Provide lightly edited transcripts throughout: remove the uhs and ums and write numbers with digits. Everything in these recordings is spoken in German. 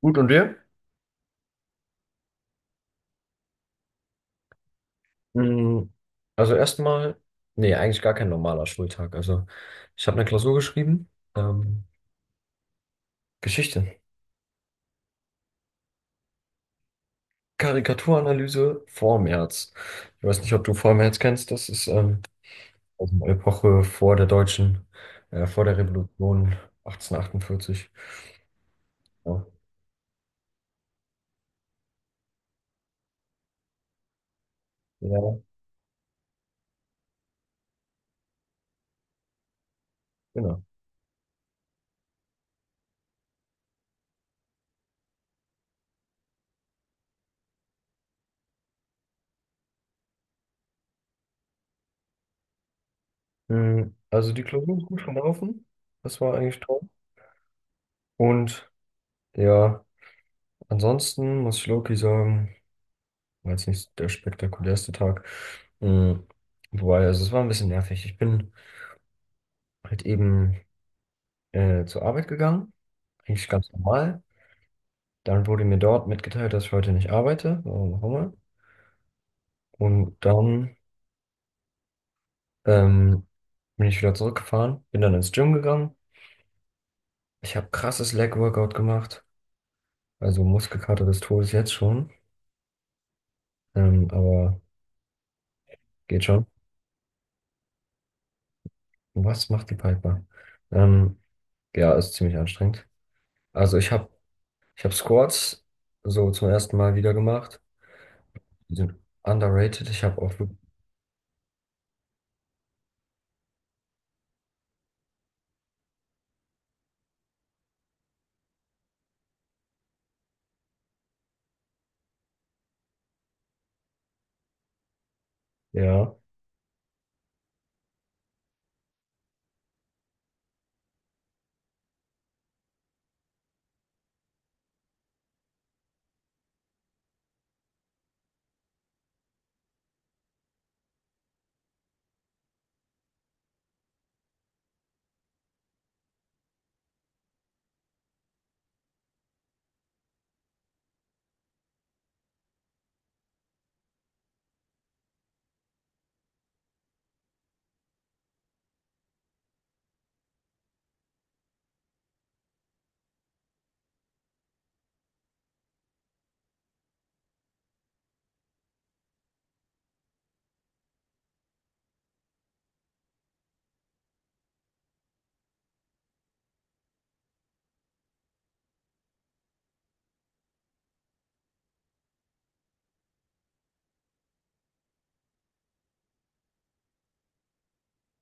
Gut, und dir? Mm, erstmal, nee, eigentlich gar kein normaler Schultag. Also ich habe eine Klausur geschrieben, ähm, Geschichte, Karikaturanalyse Vormärz. Ich weiß nicht, ob du Vormärz kennst. Das ist aus einer Epoche vor der deutschen, vor der Revolution 1848. Ja, ja, genau. Also die Klausur ist gut gelaufen. Das war eigentlich toll. Und ja, ansonsten muss ich Loki sagen. War jetzt nicht der spektakulärste Tag. Mhm. Wobei, also es war ein bisschen nervig. Ich bin halt eben zur Arbeit gegangen, eigentlich ganz normal. Dann wurde mir dort mitgeteilt, dass ich heute nicht arbeite, warum auch immer. Und dann ähm, bin ich wieder zurückgefahren, bin dann ins Gym gegangen. Ich habe krasses Leg-Workout gemacht, also Muskelkater des Todes jetzt schon, aber geht schon. Was macht die Piper? Ähm, ja, ist ziemlich anstrengend. Also Ich habe Squats so zum ersten Mal wieder gemacht. Die sind underrated. Ich habe auch, wirklich- ja.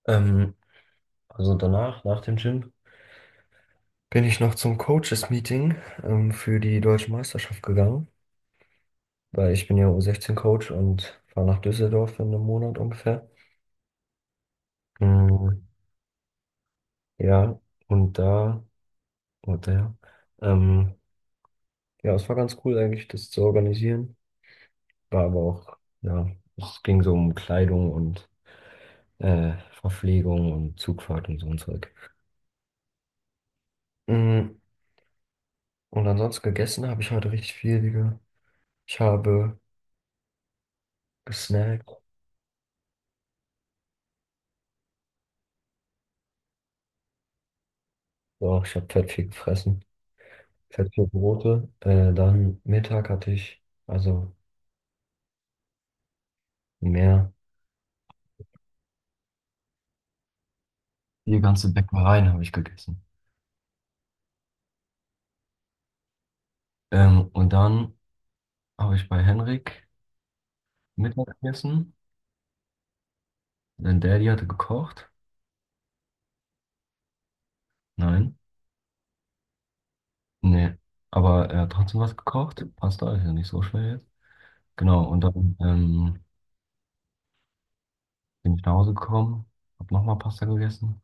Ähm, also danach, nach dem Gym, bin ich noch zum Coaches-Meeting für die deutsche Meisterschaft gegangen, weil ich bin ja U16-Coach und fahre nach Düsseldorf in einem Monat ungefähr. Mhm. Ja, und und der, ähm, ja, es war ganz cool eigentlich, das zu organisieren. War aber auch, ja, es ging so um Kleidung und äh, Verpflegung und Zugfahrt und so ein Zeug. Mm, Und ansonsten gegessen habe ich heute richtig viel, Digga. Ich habe gesnackt. Doch, ich habe fett viel gefressen. Fett viel Brote. Dann Mittag hatte ich, also mehr. Die ganze Bäckereien habe ich gegessen. Und dann habe ich bei Henrik Mittag gegessen. Sein Daddy hatte gekocht. Nein, nee. Aber er hat trotzdem was gekocht. Pasta ist ja nicht so schwer jetzt. Genau, und dann bin ich nach Hause gekommen, habe nochmal Pasta gegessen.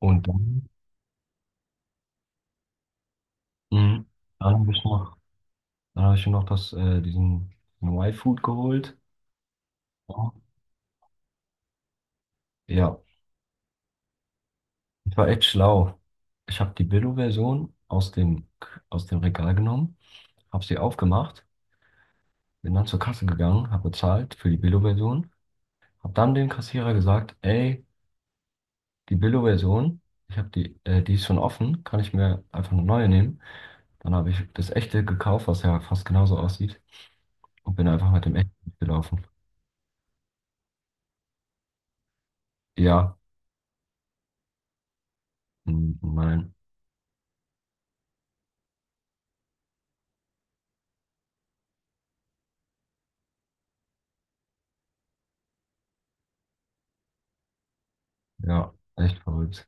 Und dann Mhm. Dann habe ich noch, dann habe ich mir noch diesen Y-Food geholt. Ja. Ja, ich war echt schlau. Ich habe die Billo-Version aus dem Regal genommen, habe sie aufgemacht, bin dann zur Kasse gegangen, habe bezahlt für die Billo-Version, habe dann dem Kassierer gesagt, ey, die Billo-Version, ich habe die ist schon offen, kann ich mir einfach eine neue nehmen. Dann habe ich das echte gekauft, was ja fast genauso aussieht, und bin einfach mit dem echten gelaufen. Ja, m- nein. Ja, echt verrückt.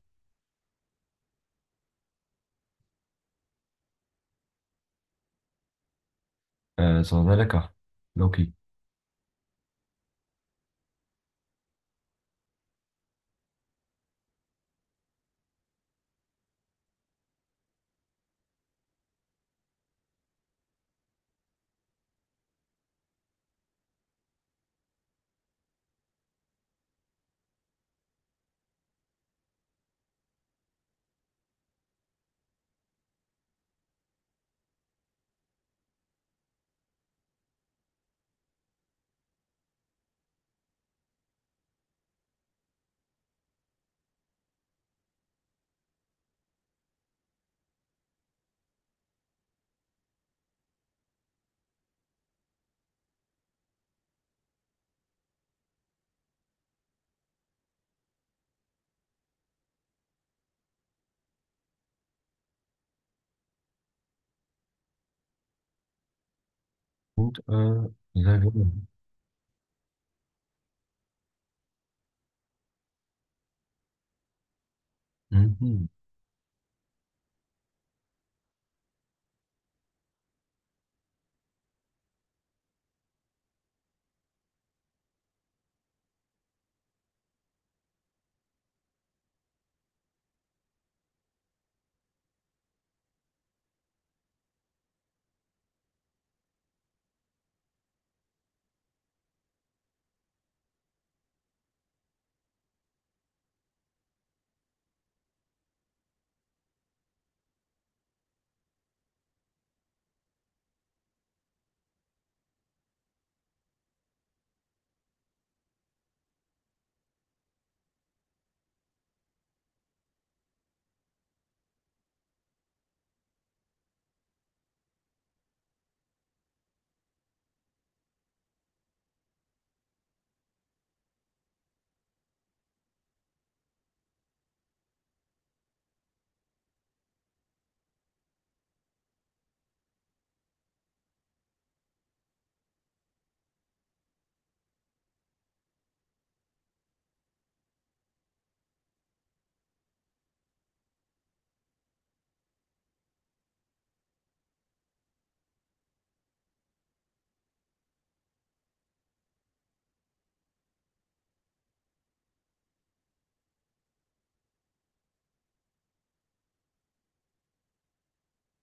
Es war sehr lecker. Loki. Und sehr gut. Mhm.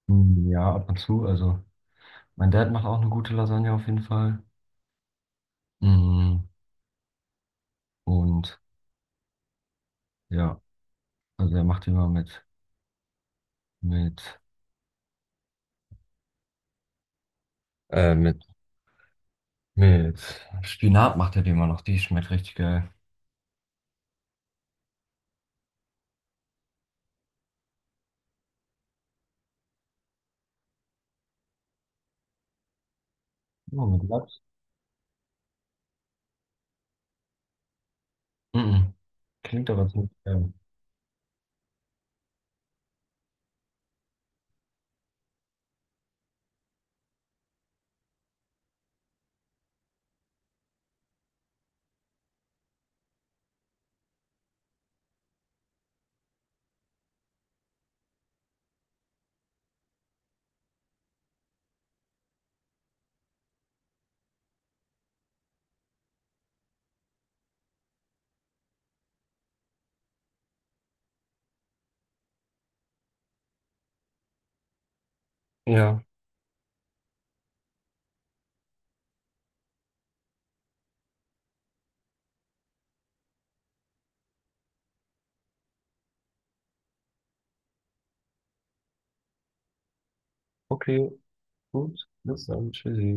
Ja, ab und zu. Also, mein Dad macht auch eine gute Lasagne auf jeden Fall. Mhm. Und ja, also er macht die immer mit, äh, mit, mit Spinat macht er die immer noch. Die schmeckt richtig geil. Ja, mit Lachs. Mhm. Klingt aber ziemlich geil. Ja, okay, gut. Bis dann. Tschüssi.